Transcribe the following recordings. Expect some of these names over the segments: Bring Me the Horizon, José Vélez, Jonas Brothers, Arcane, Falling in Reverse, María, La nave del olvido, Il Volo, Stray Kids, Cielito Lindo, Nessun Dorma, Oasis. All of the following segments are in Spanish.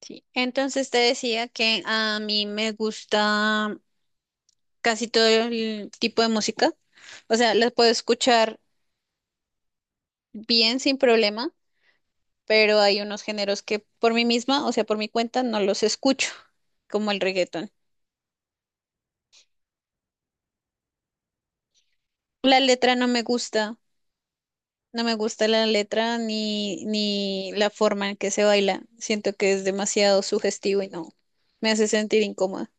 Sí, entonces te decía que a mí me gusta casi todo el tipo de música. O sea, las puedo escuchar bien sin problema, pero hay unos géneros que por mí misma, o sea, por mi cuenta, no los escucho, como el reggaetón. La letra no me gusta, no me gusta la letra ni la forma en que se baila. Siento que es demasiado sugestivo y no me hace sentir incómoda.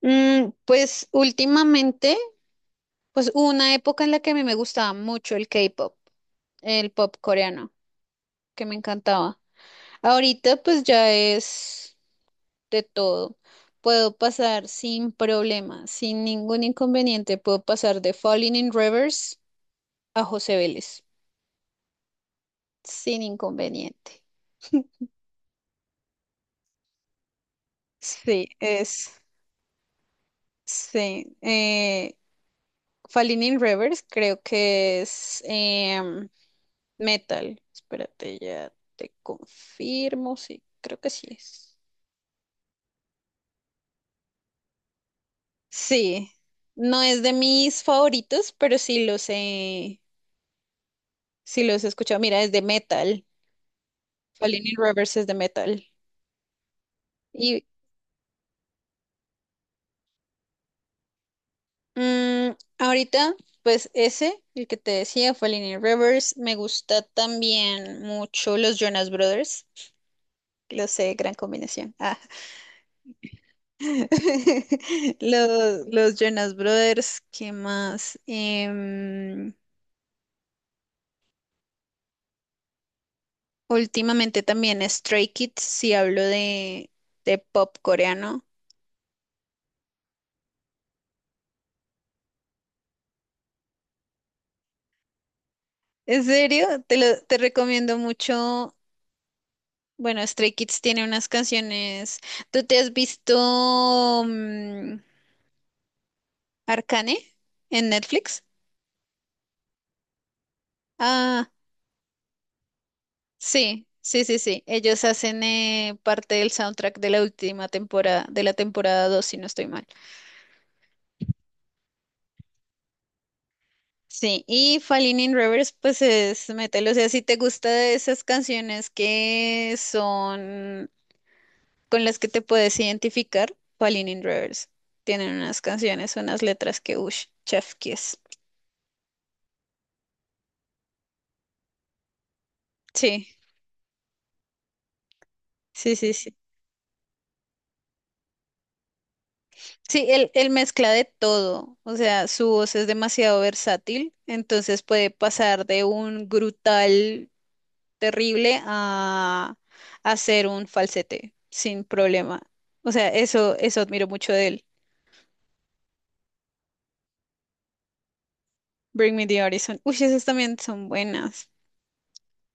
Pues últimamente. Pues hubo una época en la que a mí me gustaba mucho el K-pop, el pop coreano, que me encantaba. Ahorita pues ya es de todo. Puedo pasar sin problema, sin ningún inconveniente. Puedo pasar de Falling in Reverse a José Vélez, sin inconveniente. Sí, es, sí. Falling in Reverse creo que es metal. Espérate, ya te confirmo, sí, creo que sí es. Sí, no es de mis favoritos, pero sí los he escuchado. Mira, es de metal. Falling in Reverse es de metal. Y mm, ahorita, pues ese, el que te decía, Falling in Reverse, me gusta también mucho los Jonas Brothers. Lo sé, gran combinación. Ah. Los Jonas Brothers, ¿qué más? Últimamente también Stray Kids, si hablo de pop coreano. ¿En serio? Te recomiendo mucho. Bueno, Stray Kids tiene unas canciones. ¿Tú te has visto Arcane en Netflix? Ah, sí, sí, sí, sí. Ellos hacen parte del soundtrack de la última temporada, de la temporada 2, si no estoy mal. Sí, y Falling in Reverse, pues es, mételo. O sea, si te gusta de esas canciones que son con las que te puedes identificar, Falling in Reverse. Tienen unas canciones, unas letras que, uff, chef kiss. Sí, sí, sí, sí. Sí, él mezcla de todo, o sea, su voz es demasiado versátil, entonces puede pasar de un grutal terrible a hacer un falsete sin problema. O sea, eso admiro mucho de él. Bring Me the Horizon. Uy, esas también son buenas.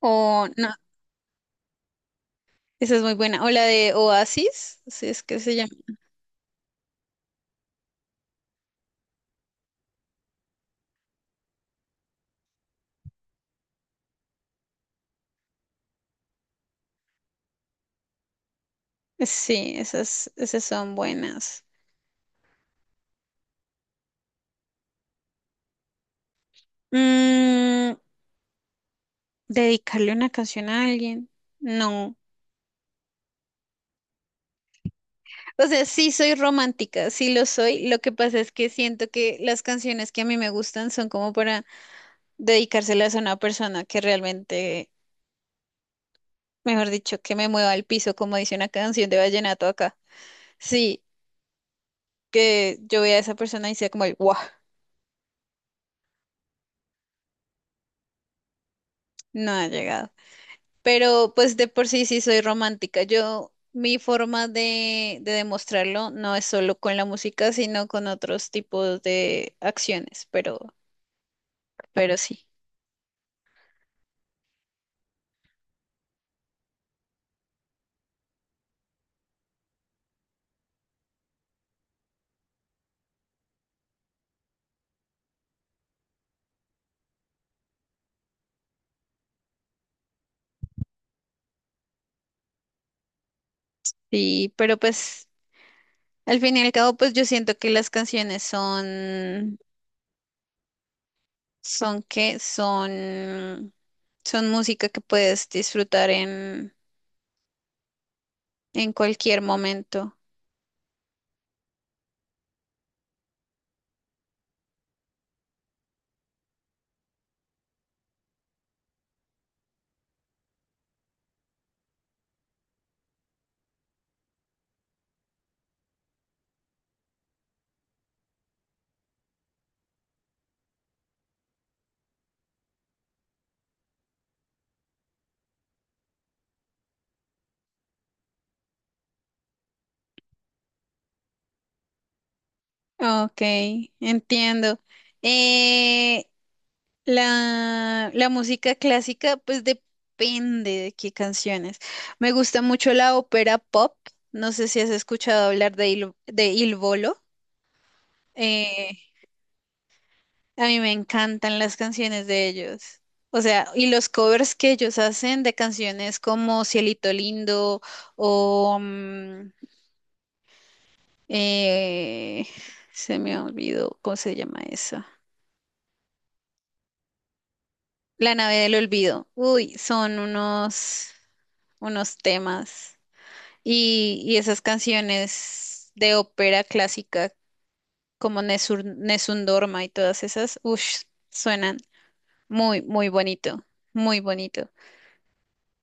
O no, esa es muy buena. O la de Oasis, si es que se llama. Sí, esas, esas son buenas. Mm, ¿Dedicarle una canción a alguien? No. O sea, sí soy romántica, sí lo soy. Lo que pasa es que siento que las canciones que a mí me gustan son como para dedicárselas a una persona que realmente, mejor dicho, que me mueva al piso, como dice una canción de vallenato acá. Sí, que yo vea a esa persona y sea como el, ¡guau! No ha llegado. Pero pues de por sí sí soy romántica. Yo, mi forma de demostrarlo no es solo con la música, sino con otros tipos de acciones, pero sí. Sí, pero pues al fin y al cabo, pues yo siento que las canciones son que son, son música que puedes disfrutar en cualquier momento. Ok, entiendo. Eh, la música clásica, pues depende de qué canciones. Me gusta mucho la ópera pop. No sé si has escuchado hablar de Il Volo. Eh, a mí me encantan las canciones de ellos. O sea, y los covers que ellos hacen de canciones como Cielito Lindo o, eh, se me olvidó, ¿cómo se llama eso? La nave del olvido. Uy, son unos temas. Y esas canciones de ópera clásica como Nessun Dorma y todas esas, uff, suenan muy, muy bonito, muy bonito.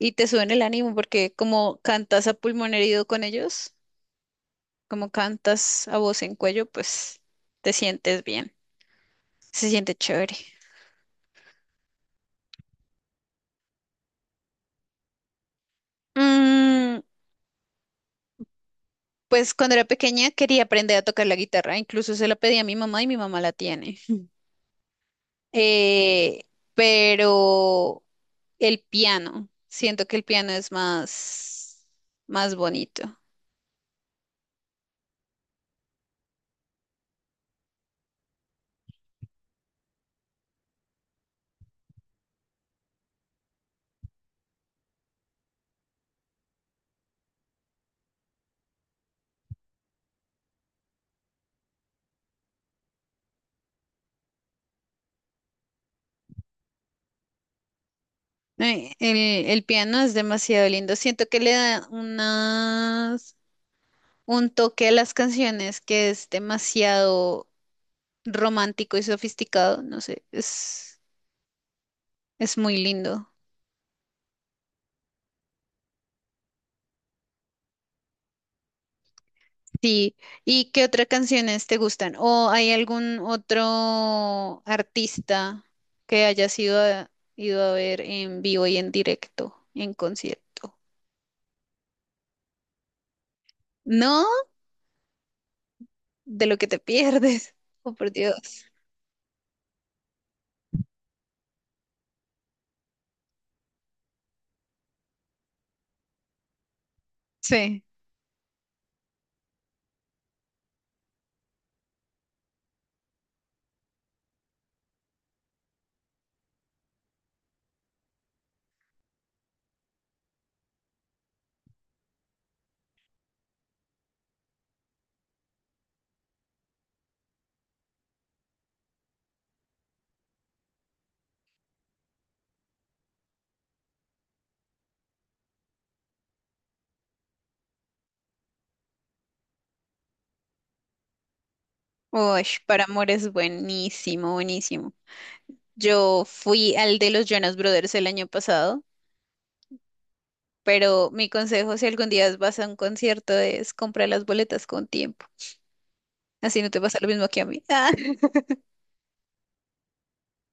Y te suben el ánimo porque como cantas a pulmón herido con ellos, como cantas a voz en cuello, pues te sientes bien, se siente chévere. Mm, pues cuando era pequeña quería aprender a tocar la guitarra, incluso se la pedí a mi mamá y mi mamá la tiene. Eh, pero el piano. Siento que el piano es más bonito. Eh, El, el piano es demasiado lindo. Siento que le da un toque a las canciones que es demasiado romántico y sofisticado. No sé, es muy lindo. Sí. ¿Y qué otras canciones te gustan? ¿O hay algún otro artista que hayas ido a ver en vivo y en directo, en concierto? No, de lo que te pierdes. Oh, por Dios. Sí. Uy, Para Amor es buenísimo, buenísimo. Yo fui al de los Jonas Brothers el año pasado, pero mi consejo si algún día vas a un concierto es comprar las boletas con tiempo. Así no te pasa lo mismo que a mí. Ah,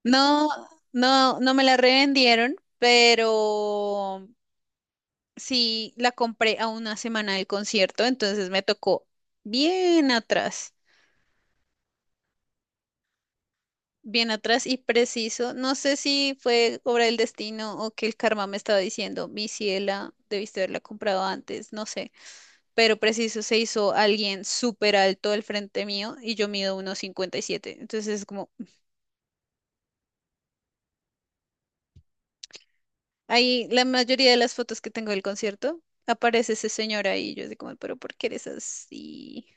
no, no, no me la revendieron, pero sí la compré a una semana del concierto, entonces me tocó bien atrás. Bien atrás y preciso. No sé si fue obra del destino o que el karma me estaba diciendo, mi ciela, debiste haberla comprado antes, no sé. Pero preciso se hizo alguien súper alto al frente mío y yo mido 1,57. Entonces es como, ahí la mayoría de las fotos que tengo del concierto aparece ese señor ahí. Yo así como, pero ¿por qué eres así?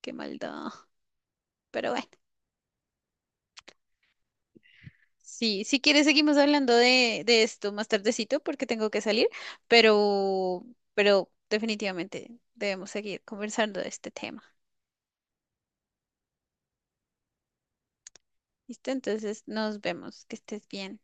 Qué maldad. Pero bueno. Sí, si quieres seguimos hablando de esto más tardecito porque tengo que salir, pero, pero definitivamente debemos seguir conversando de este tema. ¿Listo? Entonces nos vemos, que estés bien.